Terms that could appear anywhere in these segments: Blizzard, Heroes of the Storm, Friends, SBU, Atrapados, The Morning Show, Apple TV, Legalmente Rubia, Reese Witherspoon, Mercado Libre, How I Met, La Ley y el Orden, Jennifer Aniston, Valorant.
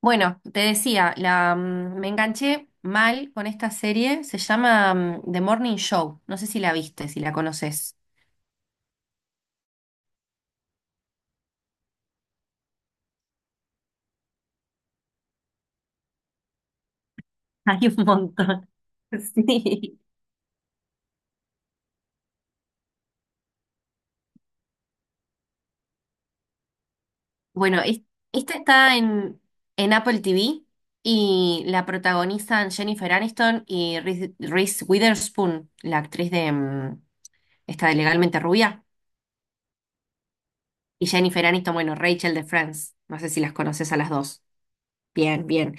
Bueno, te decía, me enganché mal con esta serie, se llama The Morning Show, no sé si la viste, si la conoces. Hay un montón. Sí. Bueno, esta está en Apple TV y la protagonizan Jennifer Aniston y Reese Witherspoon, la actriz de esta de Legalmente Rubia, y Jennifer Aniston, bueno, Rachel de Friends, no sé si las conoces a las dos. Bien, bien.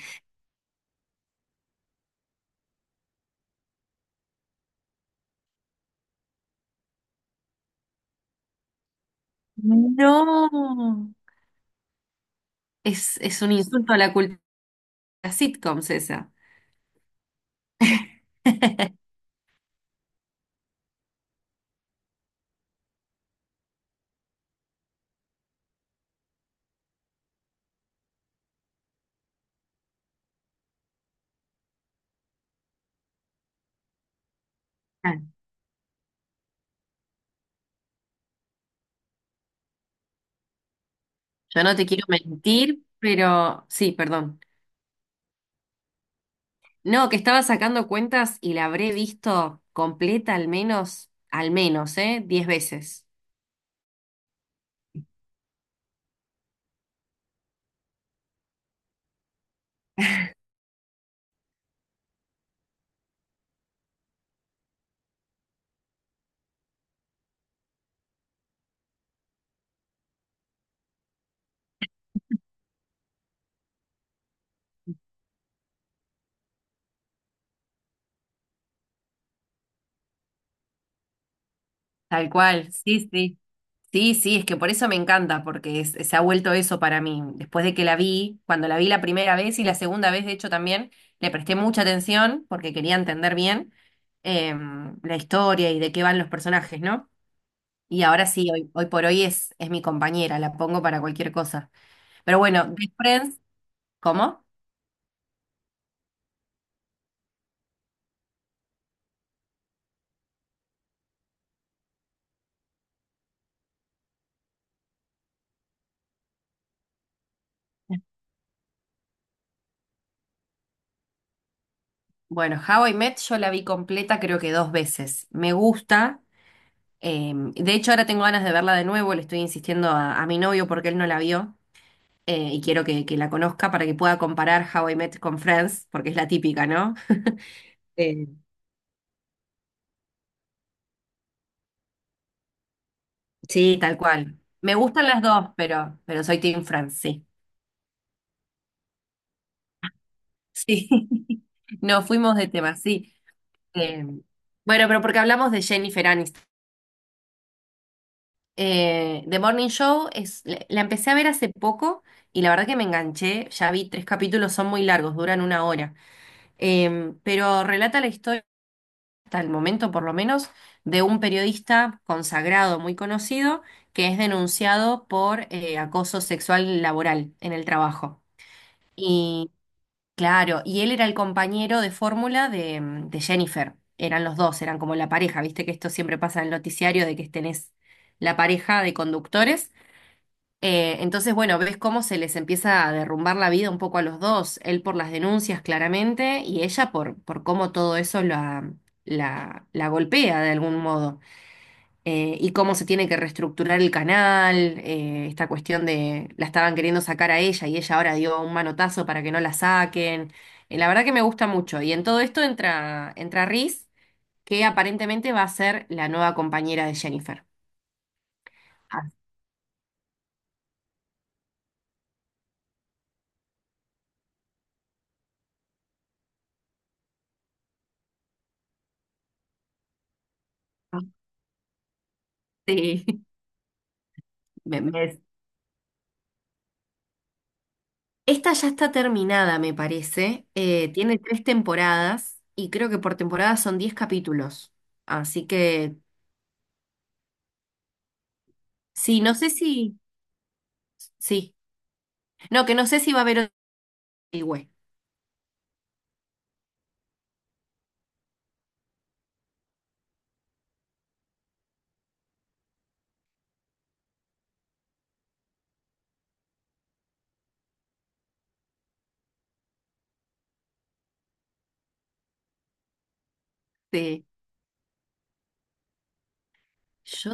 No, es un insulto a la cultura. Las sitcoms esa. Ah. Yo no te quiero mentir, pero sí, perdón. No, que estaba sacando cuentas y la habré visto completa al menos, ¿eh? 10 veces. Tal cual, sí, sí. Sí, sí, es que por eso me encanta, porque se ha vuelto eso para mí. Después de que la vi, cuando la vi la primera vez y la segunda vez, de hecho, también le presté mucha atención porque quería entender bien la historia y de qué van los personajes, ¿no? Y ahora sí, hoy por hoy es mi compañera, la pongo para cualquier cosa. Pero bueno, The Friends, ¿cómo? Bueno, How I Met yo la vi completa creo que dos veces. Me gusta. De hecho, ahora tengo ganas de verla de nuevo. Le estoy insistiendo a mi novio porque él no la vio. Y quiero que la conozca para que pueda comparar How I Met con Friends, porque es la típica, ¿no? Eh, sí, tal cual. Me gustan las dos, pero soy Team Friends, sí. Sí. Nos fuimos de tema, sí. Eh, bueno, pero porque hablamos de Jennifer Aniston. The Morning Show la empecé a ver hace poco y la verdad que me enganché. Ya vi tres capítulos, son muy largos, duran una hora. Pero relata la historia, hasta el momento por lo menos, de un periodista consagrado, muy conocido, que es denunciado por acoso sexual laboral en el trabajo. Claro, y él era el compañero de fórmula de Jennifer. Eran los dos, eran como la pareja. Viste que esto siempre pasa en el noticiario de que tenés la pareja de conductores. Entonces, bueno, ves cómo se les empieza a derrumbar la vida un poco a los dos. Él por las denuncias, claramente, y ella por cómo todo eso la golpea de algún modo, y cómo se tiene que reestructurar el canal, esta cuestión de la estaban queriendo sacar a ella y ella ahora dio un manotazo para que no la saquen. La verdad que me gusta mucho. Y en todo esto entra Reese, que aparentemente va a ser la nueva compañera de Jennifer. Ah. Sí. me- me- Esta ya está terminada, me parece. Tiene tres temporadas y creo que por temporada son 10 capítulos. Así que sí, no sé si... Sí, no, que no sé si va a haber otro. Sí, yo,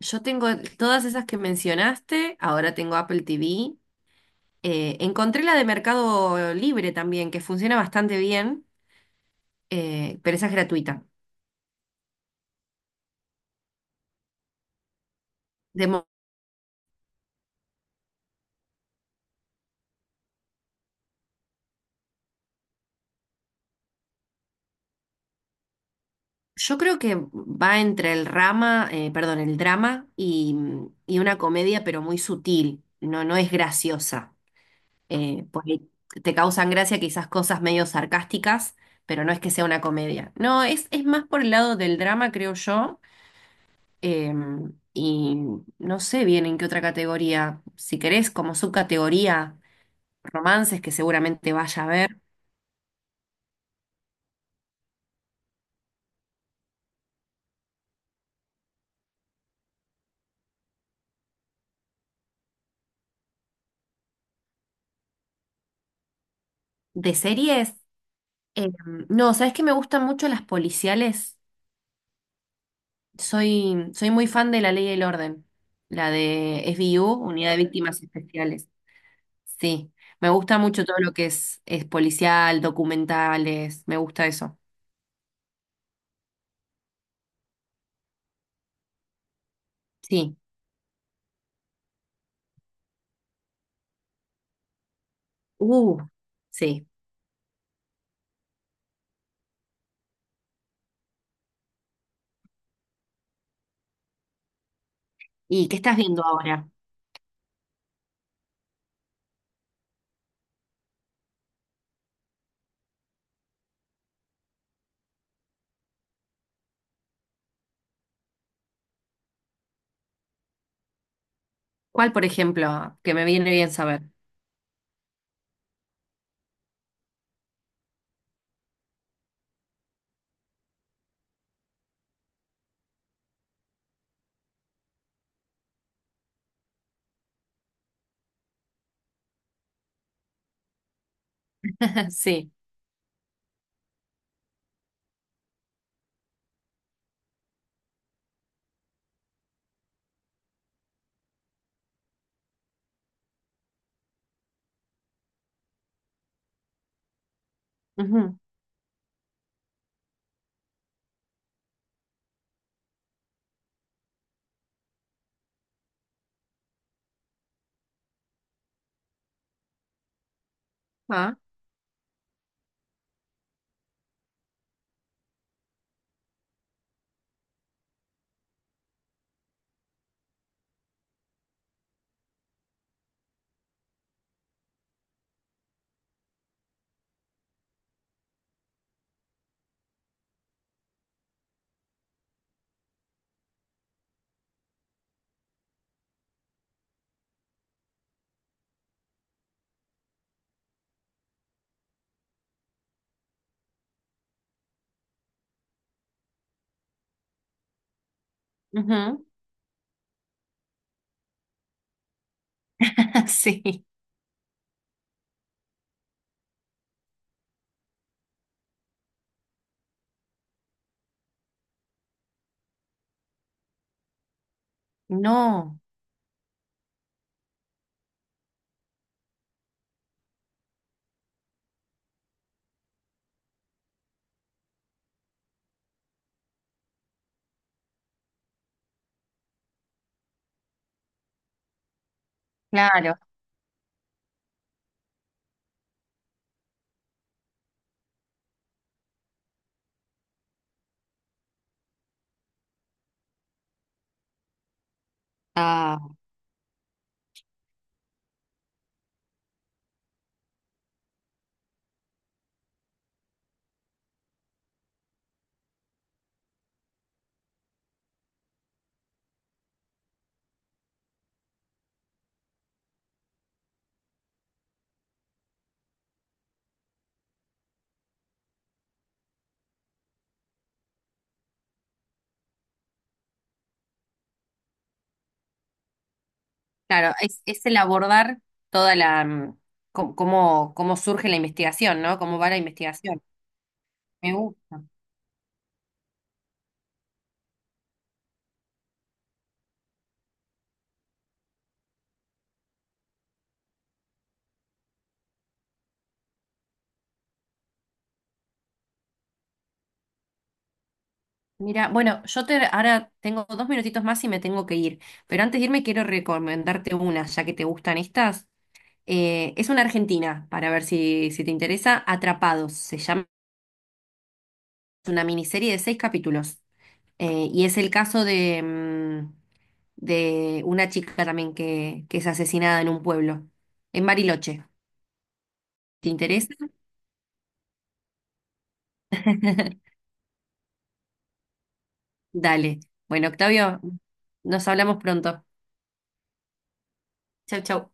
yo tengo todas esas que mencionaste, ahora tengo Apple TV. Encontré la de Mercado Libre también, que funciona bastante bien, pero esa es gratuita. De mo- yo creo que va entre el rama, perdón, el drama y una comedia, pero muy sutil, no, no es graciosa. Por ahí te causan gracia quizás cosas medio sarcásticas, pero no es que sea una comedia. No, es más por el lado del drama, creo yo. Y no sé bien en qué otra categoría. Si querés, como subcategoría, romances, que seguramente vaya a ver. De series, em, no, ¿sabes que me gustan mucho las policiales? Soy muy fan de La Ley y el Orden, la de SBU, Unidad de Víctimas Especiales. Sí, me gusta mucho todo lo que es policial, documentales, me gusta eso. Sí. Uh, sí. ¿Y qué estás viendo ahora? ¿Cuál, por ejemplo, que me viene bien saber? Sí. Ujú. Ah. Ujú. Sí. No, claro. Ah, claro, es el abordar toda cómo, cómo surge la investigación, ¿no? Cómo va la investigación. Me gusta. Mira, bueno, yo te, ahora tengo 2 minutitos más y me tengo que ir, pero antes de irme quiero recomendarte una, ya que te gustan estas. Es una argentina, para ver si te interesa. Atrapados, se llama, es una miniserie de seis capítulos. Y es el caso de una chica también que es asesinada en un pueblo, en Bariloche. ¿Te interesa? Dale. Bueno, Octavio, nos hablamos pronto. Chau, chau.